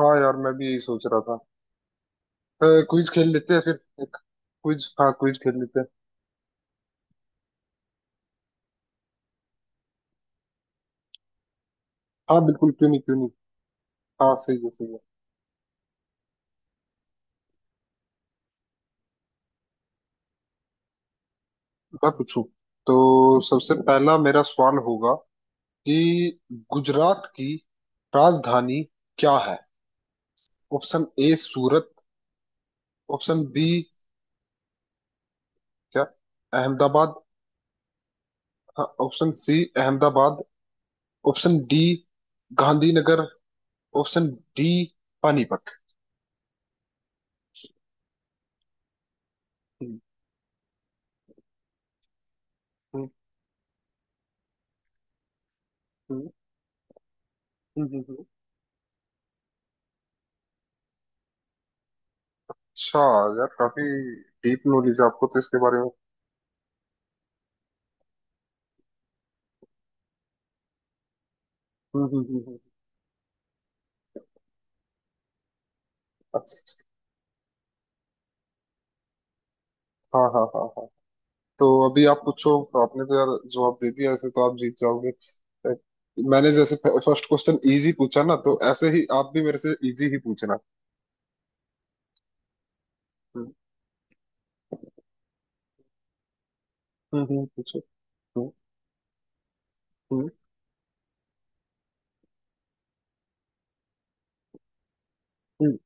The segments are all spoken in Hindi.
हाँ यार, मैं भी यही सोच रहा था। क्विज खेल लेते हैं, फिर एक क्विज, हाँ क्विज खेल लेते हैं। हाँ बिल्कुल, क्यों नहीं, क्यों नहीं। हाँ, सही है, सही है। मैं पूछूं तो सबसे पहला मेरा सवाल होगा कि गुजरात की राजधानी क्या है? Option A Surat, option B क्या अहमदाबाद, हाँ option C Ahmedabad, option D Gandhinagar, option D Panipat. हम्म, हम्म, हम्म, हम्म। अच्छा यार, काफी डीप नॉलेज आपको तो इसके बारे में। हम्म, हम्म, हम्म, हम्म। अच्छा अच्छा। हाँ हाँ हाँ हाँ, तो अभी आप पूछो। आपने तो यार जवाब दे दिया, ऐसे तो आप जीत जाओगे। अ, मैंने जैसे फर्स्ट क्वेश्चन इजी पूछा ना, तो ऐसे ही आप भी मेरे से इजी ही पूछना। हम्म, हम्म, पूछो। हम्म, हम्म, हम्म,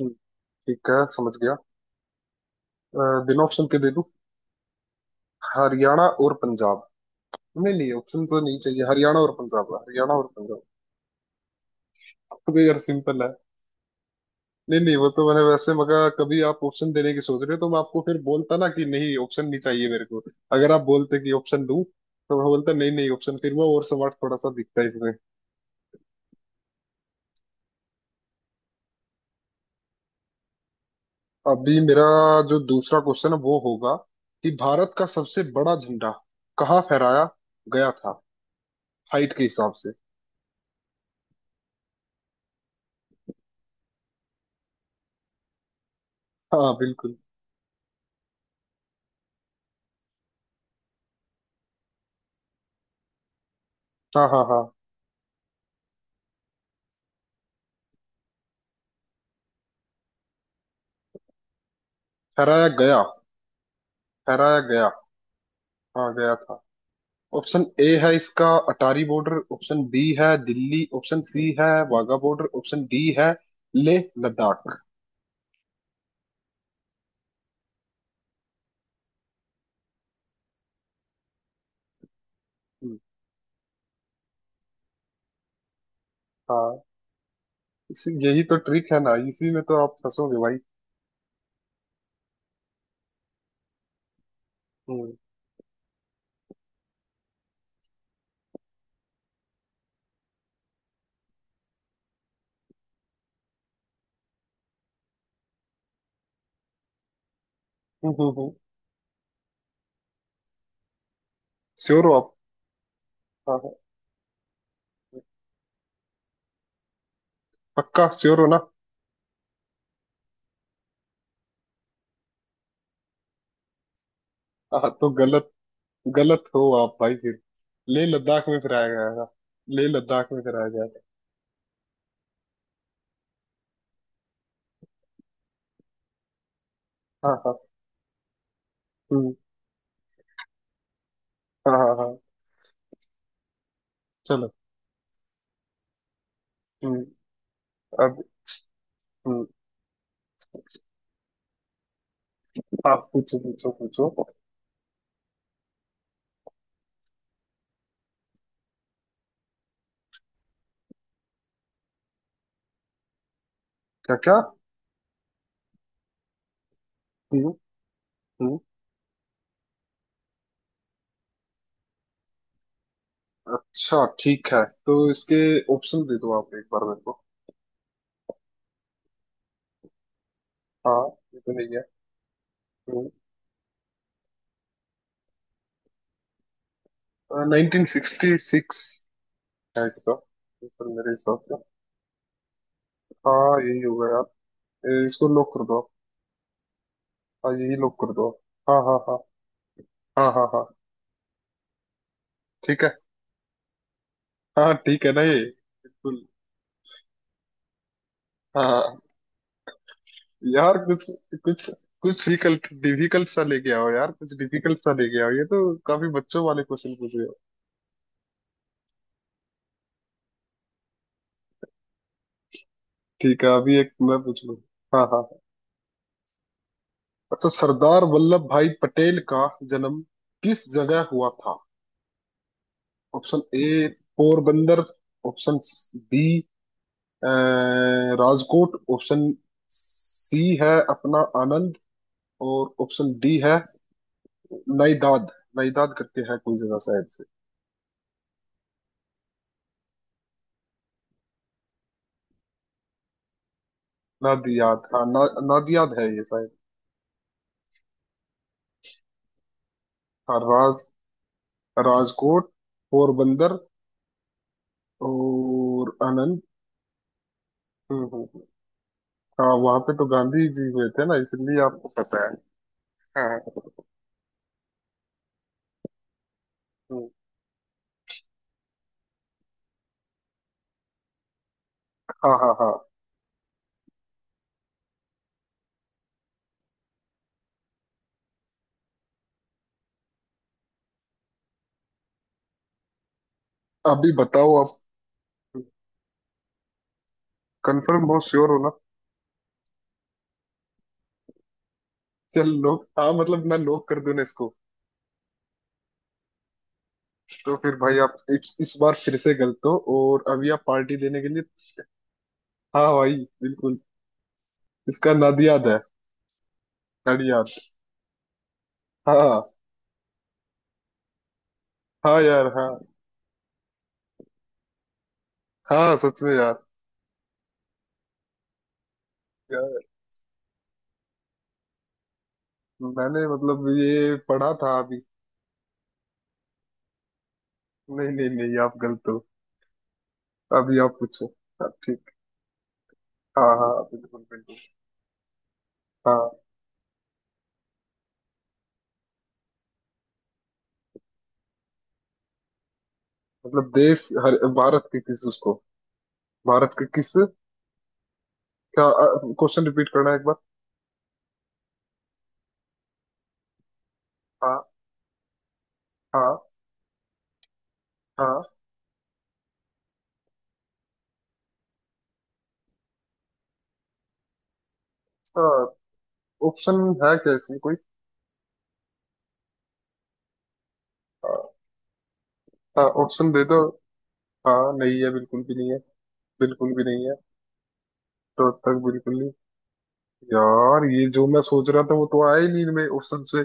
हम्म। ठीक है, समझ गया। बिना ऑप्शन के दे दूं? हरियाणा और पंजाब। नहीं नहीं, ऑप्शन तो नहीं चाहिए, हरियाणा और पंजाब, हरियाणा और पंजाब। तो यार सिंपल है। नहीं नहीं, वो तो मैंने वैसे मगा कभी आप ऑप्शन देने की सोच रहे हो, तो मैं आपको फिर बोलता ना कि नहीं ऑप्शन नहीं चाहिए मेरे को। अगर आप बोलते कि ऑप्शन दूं तो मैं बोलता नहीं नहीं, ऑप्शन फिर वो और स्मार्ट थोड़ा सा दिखता है इसमें। अभी मेरा जो दूसरा क्वेश्चन है वो होगा कि भारत का सबसे बड़ा झंडा कहाँ फहराया गया था? हाइट के हिसाब से। हाँ बिल्कुल। हाँ हाँ हाँ। फहराया गया, फहराया गया। हाँ, गया था। ऑप्शन ए है इसका अटारी बॉर्डर, ऑप्शन बी है दिल्ली, ऑप्शन सी है वाघा बॉर्डर, ऑप्शन डी है लेह लद्दाख। हम्म। हाँ, इसी यही तो ट्रिक है ना, इसी में तो आप फंसोगे भाई। हम्म। श्योर हो आप? हाँ हाँ। पक्का श्योर हो ना? हाँ, तो गलत, गलत हो आप भाई फिर। लेह लद्दाख में फिराया गया था। लेह लद्दाख में कराया गया था। हाँ हाँ। हम्म। हाँ हाँ हाँ। चलो। हम्म। अब। हम्म। आप पूछो पूछो पूछो। क्या क्या? हम्म हम्म। अच्छा ठीक है, तो इसके ऑप्शन दे दो आप एक बार मेरे को। हाँ, ये तो नहीं है। 1966 है इसका उत्तर मेरे हिसाब से। हाँ, यही होगा यार। इसको लॉक कर दो आप। हाँ, यही लॉक कर दो आप। हाँ हाँ हाँ हाँ हाँ हाँ। ठीक है। हाँ, ठीक है ना ये, बिल्कुल। हाँ हाँ, हाँ। यार कुछ, कुछ, कुछ डिफिकल्ट डिफिकल्ट सा लेके आओ यार, कुछ डिफिकल्ट सा लेके आओ, ये तो काफी बच्चों वाले क्वेश्चन पूछ रहे हो। ठीक है, अभी एक मैं पूछ लूँ। हाँ हाँ। अच्छा, सरदार वल्लभ भाई पटेल का जन्म किस जगह हुआ था? Option A Porbandar, option B अ, राजकोट, ऑप्शन सी है अपना आनंद, और ऑप्शन डी है नाइदाद। नाइदाद करके है कोई जगह शायद से। नादियाद, हाँ ना, नादियाद है ये शायद। हाँ, राजकोट, पोरबंदर और आनंद। हम्म, हाँ, वहां पे तो गांधी जी हुए थे ना, इसलिए आपको पता है। हाँ। हाँ। हाँ हाँ हाँ। अभी बताओ आप। कंफर्म, बहुत श्योर हो ना? चल लोग, हाँ मतलब मैं लॉक कर दूं ना इसको? तो फिर भाई आप इस बार फिर से गलत हो, और अभी आप पार्टी देने के लिए। हाँ भाई, बिल्कुल। इसका नाद याद है। नाड़ी याद। हाँ। हाँ यार, हाँ। हाँ, सच में यार। यार मैंने मतलब ये पढ़ा था अभी। नहीं नहीं नहीं, आप गलत हो। अभी आप पूछो। हाँ, ठीक। हाँ हाँ, बिल्कुल बिल्कुल। हाँ, मतलब देश हर भारत के किस उसको, भारत के किस? क्या? क्वेश्चन रिपीट करना है एक बार। हाँ हाँ हाँ। इसका ऑप्शन है क्या, इसमें कोई? हाँ, ऑप्शन दे दो। हाँ, नहीं है, बिल्कुल भी नहीं है। बिल्कुल भी नहीं है। तो तक बिल्कुल नहीं। यार, ये जो मैं सोच रहा था वो तो आया ही नहीं इनमें ऑप्शन से।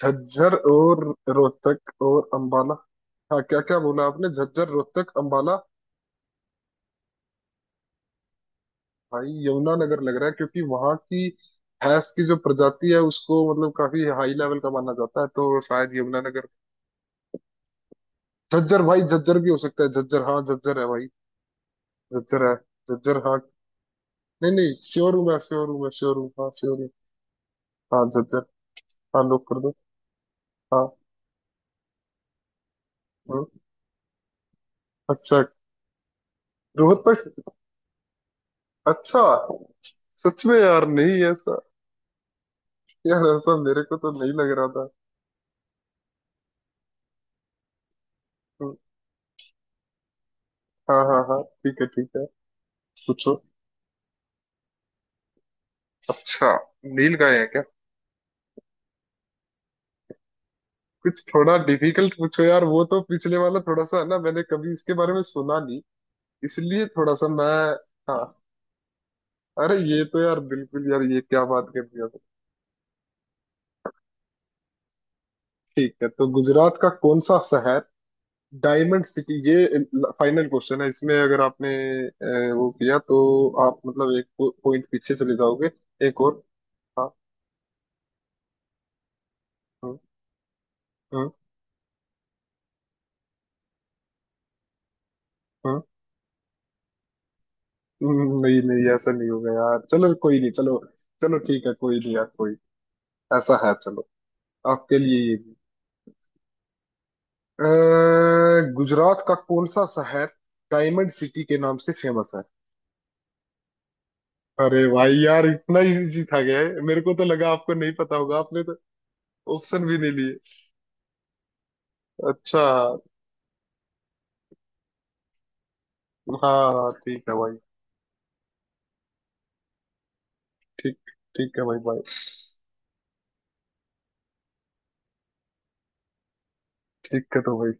झज्जर और रोहतक और अंबाला। हाँ, क्या क्या बोला आपने, झज्जर रोहतक अंबाला? भाई यमुनानगर लग रहा है, क्योंकि वहां की भैंस की जो प्रजाति है उसको मतलब काफी हाई लेवल का माना जाता है, तो शायद यमुनानगर। झज्जर, भाई झज्जर भी हो सकता है, झज्जर, हाँ झज्जर है भाई, झज्जर है। झज्जर, हाँ। नहीं नहीं, श्योर हूँ मैं, श्योर हूँ मैं, श्योर हूँ, हाँ श्योर हूँ। हाँ झज्जर। हाँ, लोग कर दो। हाँ। हम्म। अच्छा। रोहतक। अच्छा। सच में यार, नहीं ऐसा। यार ऐसा मेरे को तो नहीं लग रहा था। हम्म। हाँ हाँ हाँ, ठीक है, ठीक है। पूछो। अच्छा। नीलगाय है क्या? कुछ थोड़ा डिफिकल्ट पूछो यार, वो तो पिछले वाला थोड़ा सा है ना, मैंने कभी इसके बारे में सुना नहीं, इसलिए थोड़ा सा मैं। हाँ। अरे ये तो यार बिल्कुल, यार ये क्या बात कर दिया तो। ठीक है, तो गुजरात का कौन सा शहर डायमंड सिटी? ये फाइनल क्वेश्चन है, इसमें अगर आपने वो किया तो आप मतलब एक पॉइंट पीछे चले जाओगे। एक और। हाँ। हाँ हाँ हाँ। नहीं नहीं, ऐसा नहीं होगा यार, चलो कोई नहीं, चलो। चलो ठीक है, कोई नहीं यार, कोई। ऐसा है, चलो। आपके लिए ये भी। गुजरात का कौन सा शहर डायमंड सिटी के नाम से फेमस है? अरे भाई यार, इतना इजी था, गया है, मेरे को तो लगा आपको नहीं पता होगा आपने तो। ऑप्शन भी नहीं लिए। अच्छा। हाँ हाँ, ठीक है भाई। ठीक। ठीक है भाई भाई। ठीक है तो भाई।